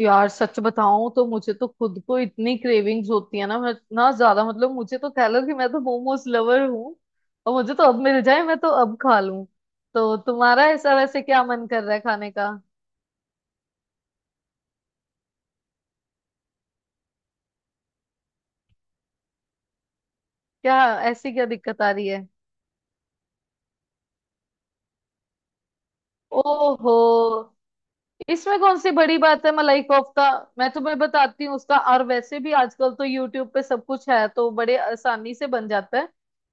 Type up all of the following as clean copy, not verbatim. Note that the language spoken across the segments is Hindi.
यार सच बताऊं तो मुझे तो खुद को इतनी क्रेविंग्स होती है ना। मैं इतना ज्यादा मतलब मुझे तो कह लो कि मैं तो मोमोज लवर हूँ और मुझे तो अब मिल जाए मैं तो अब खा लूं। तो तुम्हारा ऐसा वैसे क्या मन कर रहा है खाने का? क्या ऐसी क्या दिक्कत आ रही है? ओहो, इसमें कौन सी बड़ी बात है मलाई कोफ्ता। मैं तुम्हें बताती हूँ उसका, और वैसे भी आजकल तो यूट्यूब पे सब कुछ है तो बड़े आसानी से बन जाता है।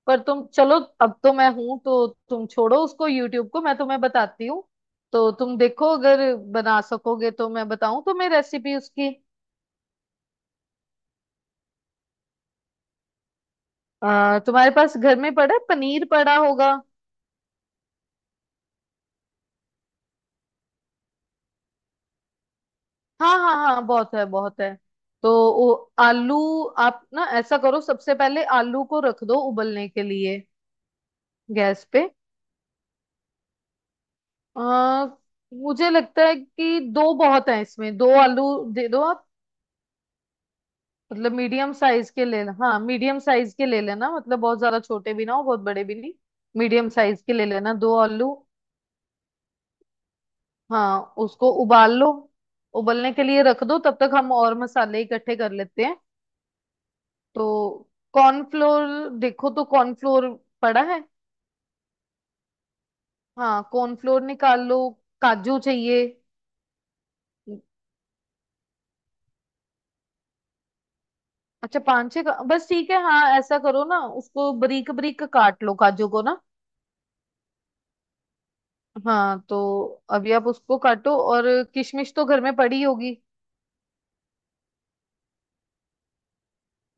पर तुम चलो, अब तो मैं हूं तो तुम छोड़ो उसको यूट्यूब को, मैं तुम्हें बताती हूँ। तो तुम देखो अगर बना सकोगे तो मैं बताऊं तुम्हें रेसिपी उसकी। तुम्हारे पास घर में पड़ा है पनीर, पड़ा होगा? हाँ हाँ हाँ, बहुत है बहुत है। तो वो आलू, आप ना ऐसा करो सबसे पहले आलू को रख दो उबलने के लिए गैस पे। आ, मुझे लगता है कि दो बहुत है, इसमें दो आलू दे दो आप। मतलब मीडियम साइज के ले, हाँ मीडियम साइज के ले लेना, मतलब बहुत ज्यादा छोटे भी ना हो, बहुत बड़े भी नहीं। मीडियम साइज के ले लेना दो आलू। हाँ, उसको उबाल लो। उबलने के लिए रख दो, तब तक हम और मसाले इकट्ठे कर लेते हैं। तो कॉर्नफ्लोर देखो, तो कॉर्नफ्लोर पड़ा है? हाँ कॉर्नफ्लोर निकाल लो। काजू चाहिए। अच्छा पांच छह का, बस ठीक है। हाँ ऐसा करो ना उसको बरीक बरीक काट लो काजू को ना। हाँ तो अभी आप उसको काटो, और किशमिश तो घर में पड़ी होगी।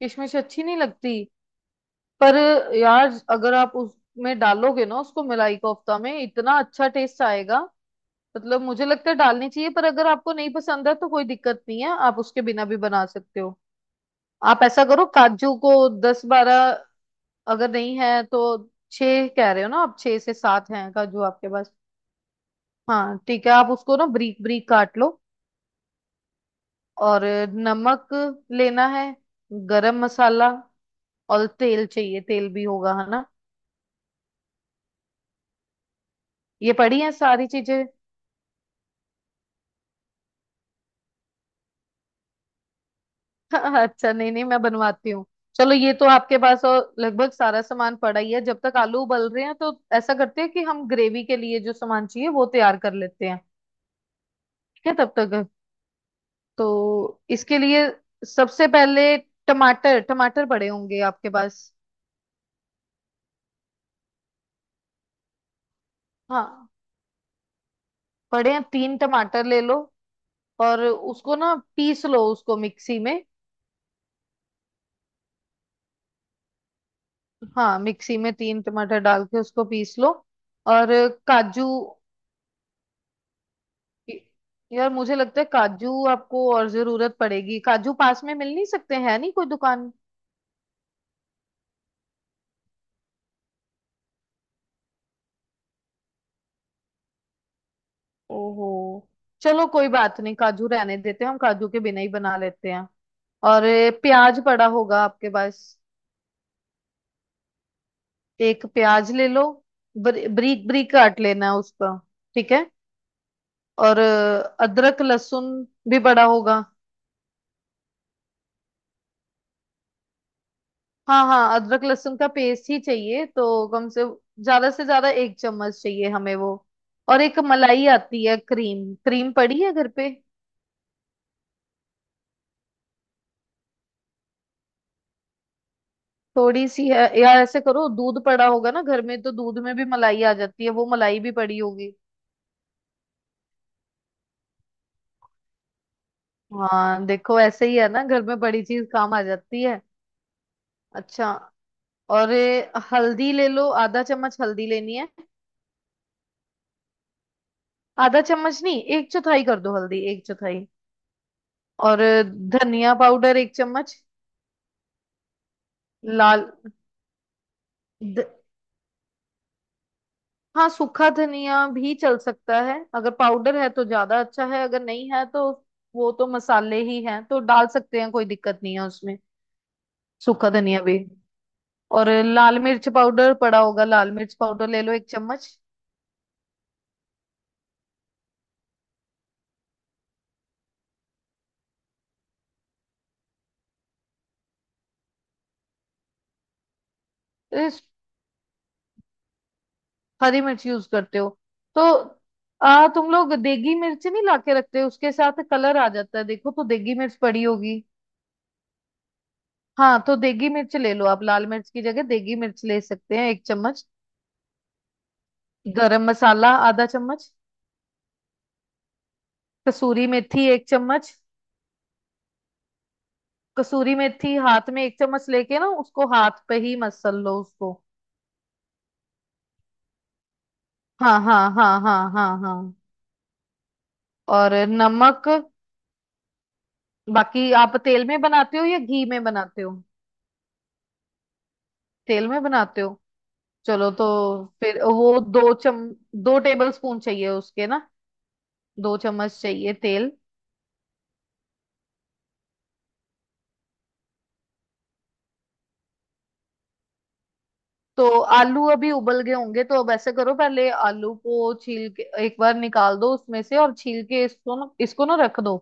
किशमिश अच्छी नहीं लगती? पर यार अगर आप उसमें डालोगे ना, उसको मलाई कोफ्ता में, इतना अच्छा टेस्ट आएगा। मतलब मुझे लगता है डालनी चाहिए, पर अगर आपको नहीं पसंद है तो कोई दिक्कत नहीं है, आप उसके बिना भी बना सकते हो। आप ऐसा करो काजू को, दस बारह, अगर नहीं है तो छह कह रहे हो ना आप, छह से सात हैं काजू आपके पास? हाँ ठीक है, आप उसको ना ब्रीक ब्रीक काट लो। और नमक लेना है, गरम मसाला, और तेल चाहिए, तेल भी होगा है ना? ये पड़ी है सारी चीजें। अच्छा नहीं नहीं, मैं बनवाती हूँ। चलो ये तो आपके पास और लगभग सारा सामान पड़ा ही है। जब तक आलू उबल रहे हैं तो ऐसा करते हैं कि हम ग्रेवी के लिए जो सामान चाहिए वो तैयार कर लेते हैं। ठीक है तब तक। तो इसके लिए सबसे पहले टमाटर, टमाटर पड़े होंगे आपके पास? हाँ पड़े हैं, 3 टमाटर ले लो, और उसको ना पीस लो उसको मिक्सी में। हाँ मिक्सी में 3 टमाटर डाल के उसको पीस लो। और काजू, यार मुझे लगता है काजू आपको और जरूरत पड़ेगी, काजू पास में मिल नहीं सकते हैं, नहीं कोई दुकान? ओहो, चलो कोई बात नहीं, काजू रहने देते हैं, हम काजू के बिना ही बना लेते हैं। और प्याज पड़ा होगा आपके पास? एक प्याज ले लो। बारीक बारीक काट लेना है उसका। ठीक है। और अदरक लहसुन भी पड़ा होगा। हाँ हाँ अदरक लहसुन का पेस्ट ही चाहिए, तो कम से ज्यादा एक चम्मच चाहिए हमें वो। और एक मलाई आती है, क्रीम, क्रीम पड़ी है घर पे? थोड़ी सी है यार, ऐसे करो दूध पड़ा होगा ना घर में, तो दूध में भी मलाई आ जाती है, वो मलाई भी पड़ी होगी। हाँ देखो ऐसे ही है ना घर में, बड़ी चीज काम आ जाती है। अच्छा, और ये हल्दी ले लो, आधा चम्मच हल्दी लेनी है। आधा चम्मच नहीं, एक चौथाई कर दो हल्दी, एक चौथाई। और धनिया पाउडर एक चम्मच, लाल। हाँ सूखा धनिया भी चल सकता है, अगर पाउडर है तो ज्यादा अच्छा है, अगर नहीं है तो वो तो मसाले ही हैं, तो डाल सकते हैं, कोई दिक्कत नहीं है उसमें। सूखा धनिया भी। और लाल मिर्च पाउडर पड़ा होगा, लाल मिर्च पाउडर ले लो एक चम्मच। इस- हरी मिर्च यूज करते हो? तो आ तुम लोग देगी मिर्च नहीं लाके रखते, उसके साथ कलर आ जाता है, देखो तो देगी मिर्च पड़ी होगी। हाँ तो देगी मिर्च ले लो, आप लाल मिर्च की जगह देगी मिर्च ले सकते हैं, एक चम्मच। गरम मसाला आधा चम्मच। कसूरी मेथी एक चम्मच। कसूरी मेथी हाथ में एक चम्मच लेके ना उसको हाथ पे ही मसल लो उसको। हाँ हाँ हाँ हाँ हाँ हाँ। और नमक। बाकी आप तेल में बनाते हो या घी में बनाते हो? तेल में बनाते हो। चलो तो फिर वो दो टेबल स्पून चाहिए उसके ना, दो चम्मच चाहिए तेल। तो आलू अभी उबल गए होंगे, तो अब ऐसे करो पहले आलू को छील के एक बार निकाल दो उसमें से, और छील के इसको ना, इसको ना रख दो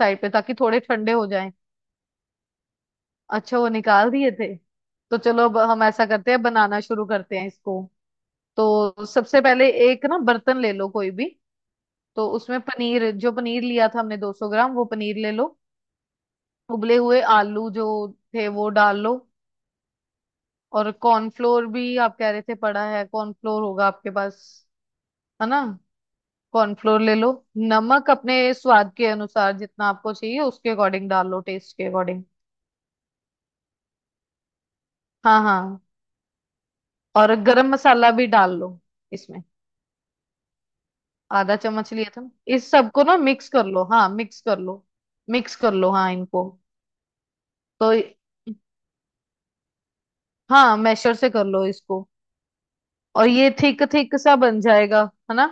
साइड पे, ताकि थोड़े ठंडे हो। अच्छा वो निकाल दिए थे? तो चलो अब हम ऐसा करते हैं, बनाना शुरू करते हैं इसको। तो सबसे पहले एक ना बर्तन ले लो कोई भी। तो उसमें पनीर, जो पनीर लिया था हमने 200 ग्राम, वो पनीर ले लो। उबले हुए आलू जो थे वो डाल लो। और कॉर्नफ्लोर भी, आप कह रहे थे पड़ा है, कॉर्नफ्लोर होगा आपके पास, है ना? कॉर्नफ्लोर ले लो। नमक अपने स्वाद के अनुसार जितना आपको चाहिए उसके अकॉर्डिंग डाल लो, टेस्ट के अकॉर्डिंग। हाँ हाँ। और गरम मसाला भी डाल लो इसमें, आधा चम्मच लिया था। इस सबको ना मिक्स कर लो, हाँ मिक्स कर लो। मिक्स कर लो हाँ इनको। तो हाँ मैशर से कर लो इसको। और ये थिक थिक सा बन जाएगा, है ना?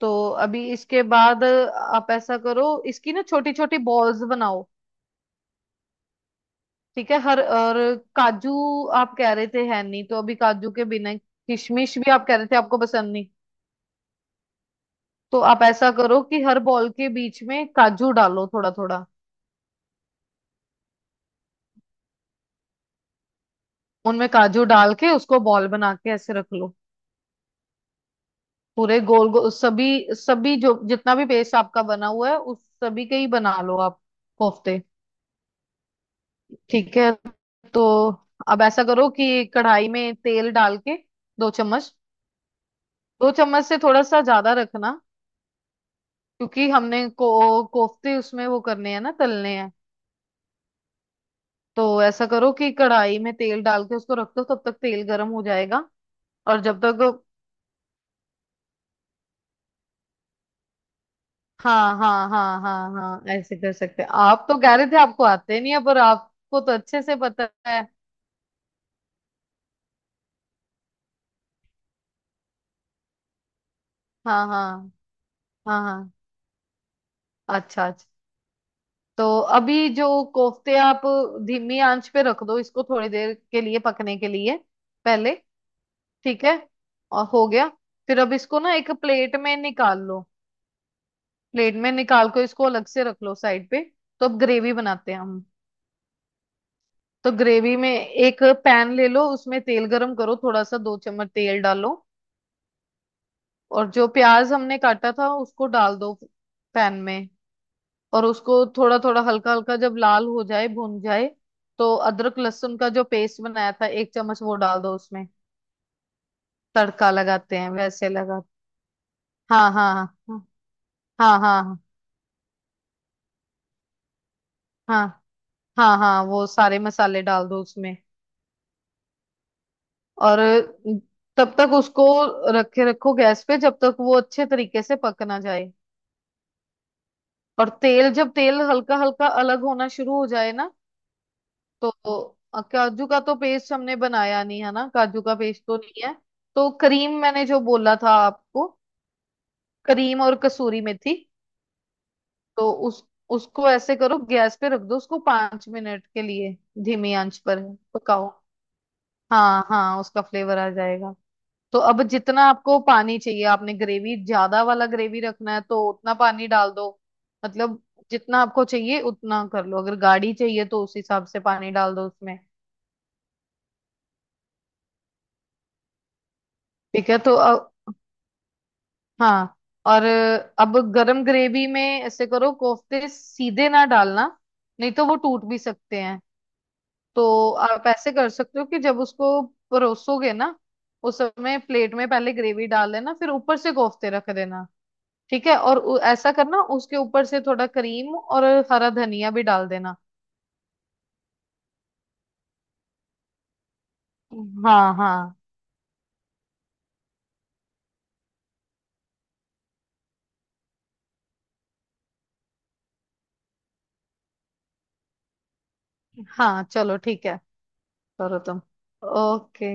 तो अभी इसके बाद आप ऐसा करो, इसकी ना छोटी छोटी बॉल्स बनाओ। ठीक है हर, और काजू आप कह रहे थे है नहीं, तो अभी काजू के बिना, किशमिश भी आप कह रहे थे आपको पसंद नहीं। तो आप ऐसा करो कि हर बॉल के बीच में काजू डालो थोड़ा थोड़ा। उनमें काजू डाल के उसको बॉल बना के ऐसे रख लो। पूरे गोल गोल सभी, सभी जो जितना भी पेस्ट आपका बना हुआ है उस सभी के ही बना लो आप, कोफ्ते। ठीक है। तो अब ऐसा करो कि कढ़ाई में तेल डाल के, दो चम्मच, दो चम्मच से थोड़ा सा ज्यादा रखना, क्योंकि हमने को कोफ्ते उसमें वो करने हैं ना, तलने हैं। तो ऐसा करो कि कढ़ाई में तेल डाल के उसको रख दो, तब तक तेल गर्म हो जाएगा। और जब तक, हाँ हाँ हाँ हाँ हाँ ऐसे कर सकते हैं आप, तो कह रहे थे आपको आते नहीं है पर आपको तो अच्छे से पता है। हाँ हाँ हाँ हाँ। अच्छा अच्छा। तो अभी जो कोफ्ते आप, धीमी आंच पे रख दो इसको थोड़ी देर के लिए पकने के लिए। पहले, ठीक है, और हो गया। फिर अब इसको ना एक प्लेट में निकाल लो। प्लेट में निकाल कर इसको अलग से रख लो साइड पे। तो अब ग्रेवी बनाते हैं हम। तो ग्रेवी में एक पैन ले लो, उसमें तेल गरम करो थोड़ा सा, 2 चम्मच तेल डालो। और जो प्याज हमने काटा था उसको डाल दो पैन में। और उसको थोड़ा थोड़ा हल्का हल्का जब लाल हो जाए, भुन जाए, तो अदरक लहसुन का जो पेस्ट बनाया था 1 चम्मच वो डाल दो उसमें। तड़का लगाते हैं वैसे लगा। हाँ हाँ हाँ हाँ हाँ हाँ हाँ हाँ वो सारे मसाले डाल दो उसमें। और तब तक उसको रखे रखो गैस पे, जब तक वो अच्छे तरीके से पक ना जाए। और तेल, जब तेल हल्का हल्का अलग होना शुरू हो जाए ना, तो काजू का तो पेस्ट हमने बनाया नहीं है ना, काजू का पेस्ट तो नहीं है। तो क्रीम, मैंने जो बोला था आपको, क्रीम और कसूरी मेथी, तो उस उसको ऐसे करो गैस पे रख दो उसको 5 मिनट के लिए, धीमी आंच पर पकाओ। हाँ हाँ उसका फ्लेवर आ जाएगा। तो अब जितना आपको पानी चाहिए, आपने ग्रेवी ज्यादा वाला ग्रेवी रखना है तो उतना पानी डाल दो। मतलब जितना आपको चाहिए उतना कर लो, अगर गाढ़ी चाहिए तो उस हिसाब से पानी डाल दो उसमें। ठीक है तो हाँ। और अब गरम ग्रेवी में ऐसे करो, कोफ्ते सीधे ना डालना, नहीं तो वो टूट भी सकते हैं। तो आप ऐसे कर सकते हो कि जब उसको परोसोगे ना, उस समय प्लेट में पहले ग्रेवी डाल देना, फिर ऊपर से कोफ्ते रख देना। ठीक है। और ऐसा करना उसके ऊपर से थोड़ा क्रीम और हरा धनिया भी डाल देना। हाँ हाँ हाँ चलो ठीक है। करो तुम। ओके।